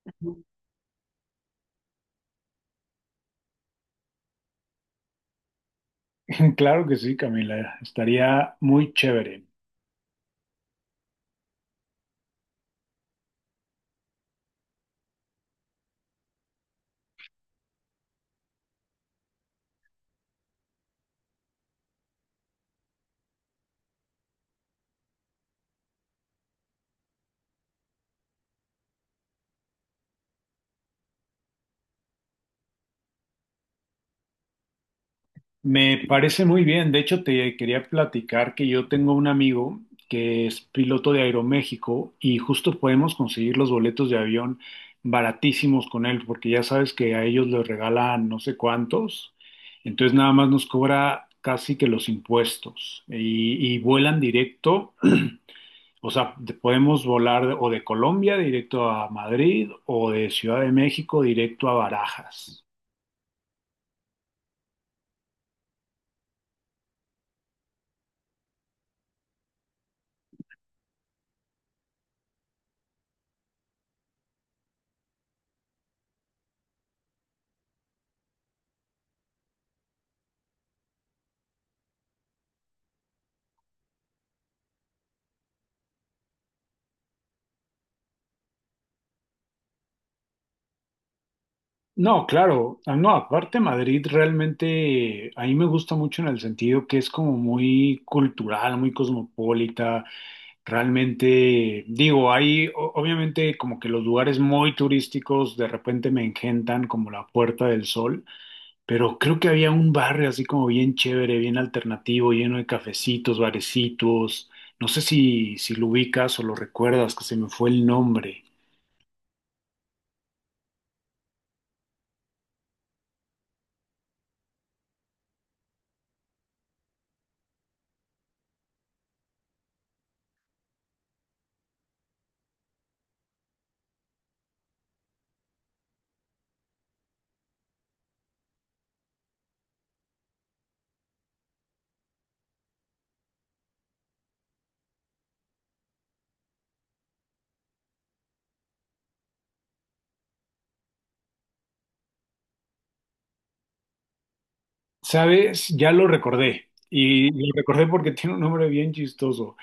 Claro que sí, Camila, estaría muy chévere. Me parece muy bien. De hecho, te quería platicar que yo tengo un amigo que es piloto de Aeroméxico y justo podemos conseguir los boletos de avión baratísimos con él, porque ya sabes que a ellos les regalan no sé cuántos. Entonces nada más nos cobra casi que los impuestos y vuelan directo. O sea, podemos volar o de Colombia directo a Madrid o de Ciudad de México directo a Barajas. No, claro. Ah, no, aparte Madrid realmente a mí me gusta mucho en el sentido que es como muy cultural, muy cosmopolita. Realmente, digo, hay obviamente como que los lugares muy turísticos de repente me engentan como la Puerta del Sol. Pero creo que había un barrio así como bien chévere, bien alternativo, lleno de cafecitos, barecitos. No sé si lo ubicas o lo recuerdas, que se me fue el nombre. ¿Sabes? Ya lo recordé. Y lo recordé porque tiene un nombre bien chistoso.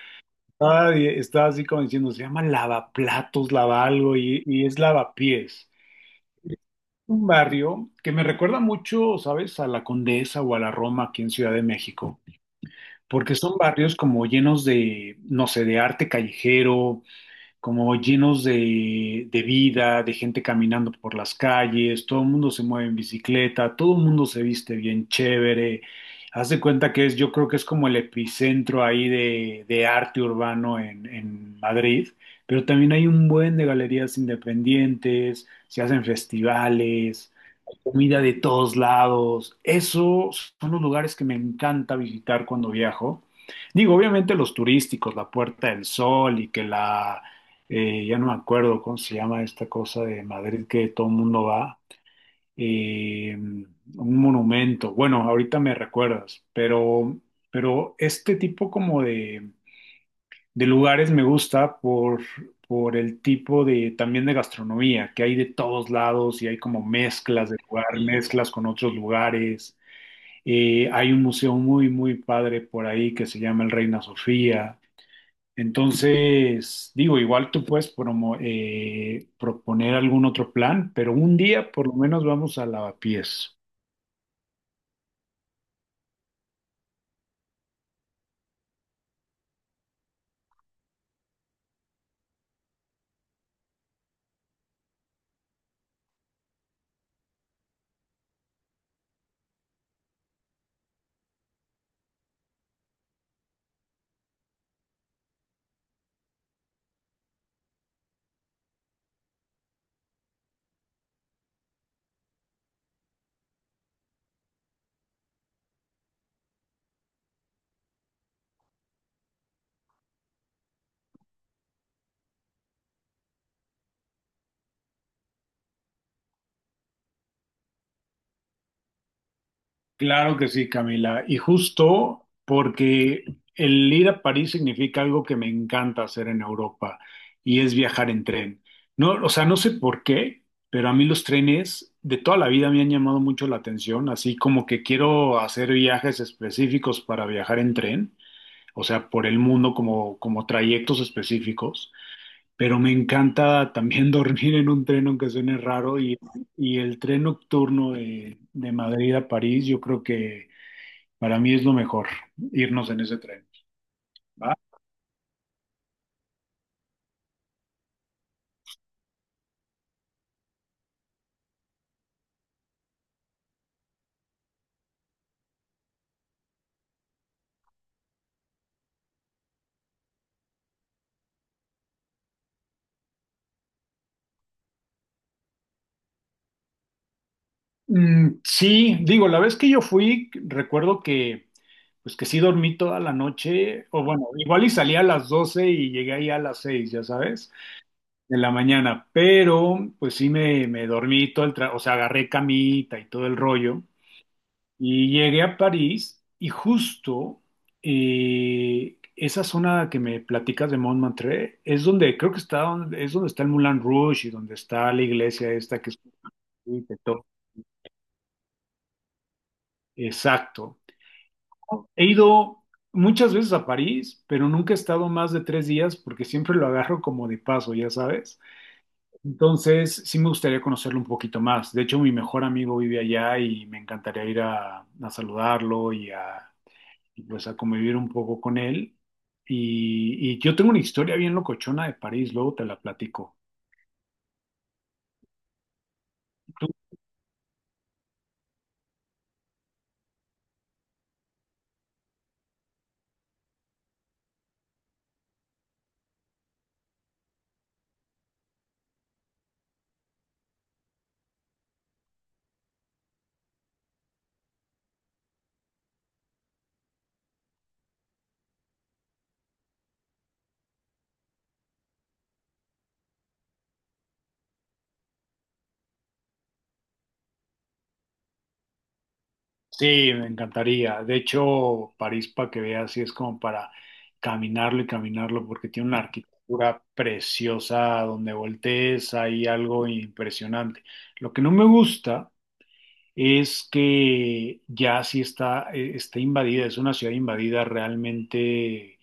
Estaba así como diciendo, se llama Lavaplatos, Lava algo, y es Lavapiés. Un barrio que me recuerda mucho, ¿sabes? A la Condesa o a la Roma aquí en Ciudad de México. Porque son barrios como llenos de, no sé, de arte callejero, como llenos de, vida, de gente caminando por las calles, todo el mundo se mueve en bicicleta, todo el mundo se viste bien chévere. Haz de cuenta que es, yo creo que es como el epicentro ahí de, arte urbano en Madrid, pero también hay un buen de galerías independientes, se hacen festivales, hay comida de todos lados. Esos son los lugares que me encanta visitar cuando viajo. Digo, obviamente los turísticos, la Puerta del Sol y que la ya no me acuerdo cómo se llama esta cosa de Madrid que todo el mundo va, un monumento, bueno, ahorita me recuerdas, pero este tipo como de, lugares me gusta por el tipo de, también de gastronomía, que hay de todos lados y hay como mezclas de lugar, mezclas con otros lugares. Hay un museo muy, muy padre por ahí que se llama el Reina Sofía. Entonces, digo, igual tú puedes proponer algún otro plan, pero un día por lo menos vamos a Lavapiés. Claro que sí, Camila. Y justo porque el ir a París significa algo que me encanta hacer en Europa y es viajar en tren. No, o sea, no sé por qué, pero a mí los trenes de toda la vida me han llamado mucho la atención, así como que quiero hacer viajes específicos para viajar en tren, o sea, por el mundo como, como trayectos específicos. Pero me encanta también dormir en un tren, aunque suene raro, y el tren nocturno de Madrid a París, yo creo que para mí es lo mejor, irnos en ese tren, ¿va? Mm, sí, digo, la vez que yo fui, recuerdo que, pues que sí dormí toda la noche, o bueno, igual y salí a las 12 y llegué ahí a las 6 ya sabes, de la mañana, pero pues sí me dormí todo el o sea, agarré camita y todo el rollo. Y llegué a París y justo esa zona que me platicas de Montmartre es donde creo que está es donde está el Moulin Rouge y donde está la iglesia esta que es. Exacto. He ido muchas veces a París, pero nunca he estado más de tres días porque siempre lo agarro como de paso, ya sabes. Entonces sí me gustaría conocerlo un poquito más. De hecho, mi mejor amigo vive allá y me encantaría ir a saludarlo y a, y pues a convivir un poco con él. Y yo tengo una historia bien locochona de París, luego te la platico. ¿Tú? Sí, me encantaría. De hecho, París, para que veas, sí es como para caminarlo y caminarlo, porque tiene una arquitectura preciosa donde voltees, hay algo impresionante. Lo que no me gusta es que ya sí está, está invadida, es una ciudad invadida realmente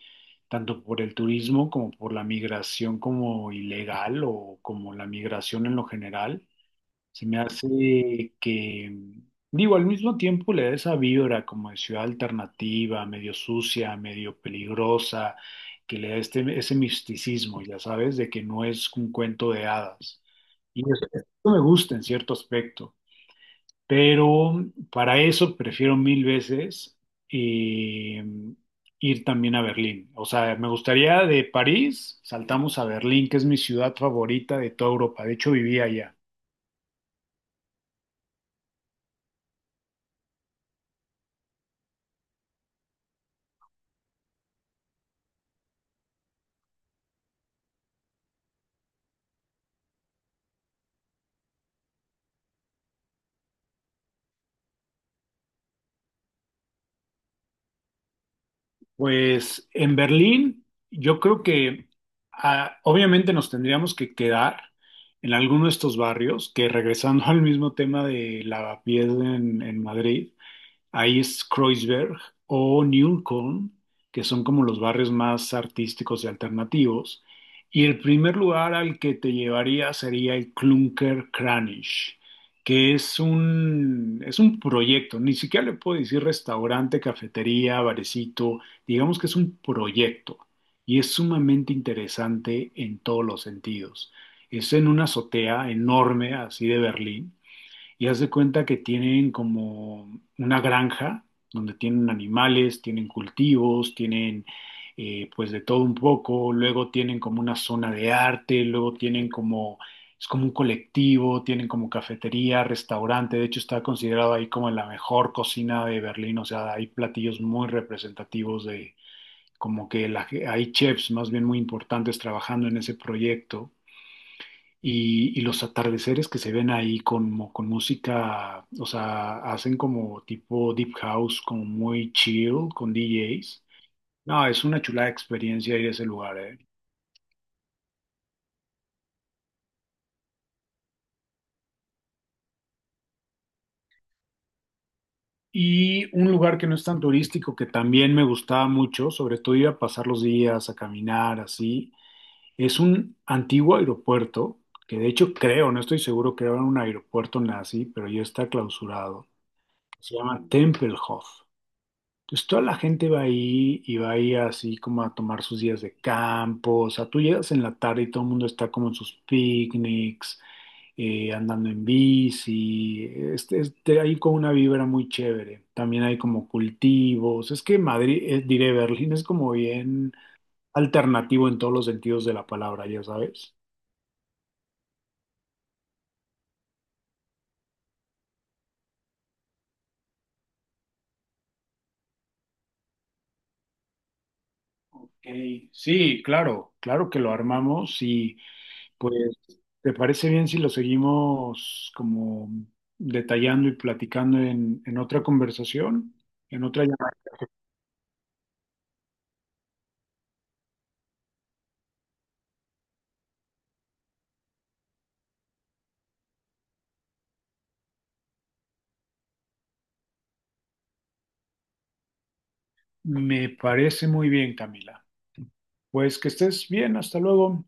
tanto por el turismo como por la migración como ilegal o como la migración en lo general. Se me hace que, digo, al mismo tiempo le da esa vibra como de ciudad alternativa, medio sucia, medio peligrosa, que le da este, ese misticismo, ya sabes, de que no es un cuento de hadas. Y eso me gusta en cierto aspecto. Pero para eso prefiero mil veces eh, ir también a Berlín. O sea, me gustaría de París, saltamos a Berlín, que es mi ciudad favorita de toda Europa. De hecho, vivía allá. Pues en Berlín, yo creo que obviamente nos tendríamos que quedar en alguno de estos barrios, que regresando al mismo tema de Lavapiés en, Madrid, ahí es Kreuzberg o Neukölln, que son como los barrios más artísticos y alternativos. Y el primer lugar al que te llevaría sería el Klunker Kranich, que es un proyecto, ni siquiera le puedo decir restaurante, cafetería, barecito, digamos que es un proyecto y es sumamente interesante en todos los sentidos. Es en una azotea enorme, así de Berlín, y haz de cuenta que tienen como una granja donde tienen animales, tienen cultivos, tienen pues de todo un poco, luego tienen como una zona de arte, luego tienen como, es como un colectivo, tienen como cafetería, restaurante, de hecho está considerado ahí como la mejor cocina de Berlín, o sea, hay platillos muy representativos de como que hay chefs más bien muy importantes trabajando en ese proyecto y los atardeceres que se ven ahí con música, o sea, hacen como tipo deep house, como muy chill con DJs. No, es una chulada experiencia ir a ese lugar, ¿eh? Y un lugar que no es tan turístico, que también me gustaba mucho, sobre todo iba a pasar los días a caminar así, es un antiguo aeropuerto, que de hecho creo, no estoy seguro que era un aeropuerto nazi, pero ya está clausurado. Se llama Tempelhof. Entonces toda la gente va ahí y va ahí así como a tomar sus días de campo. O sea, tú llegas en la tarde y todo el mundo está como en sus picnics, andando en bici. Ahí con una vibra muy chévere. También hay como cultivos. Es que Madrid, diré, Berlín es como bien alternativo en todos los sentidos de la palabra, ya sabes. Ok, sí, claro. Claro que lo armamos, sí. Pues, ¿te parece bien si lo seguimos como detallando y platicando en, otra conversación, en otra llamada? Me parece muy bien, Camila. Pues que estés bien, hasta luego.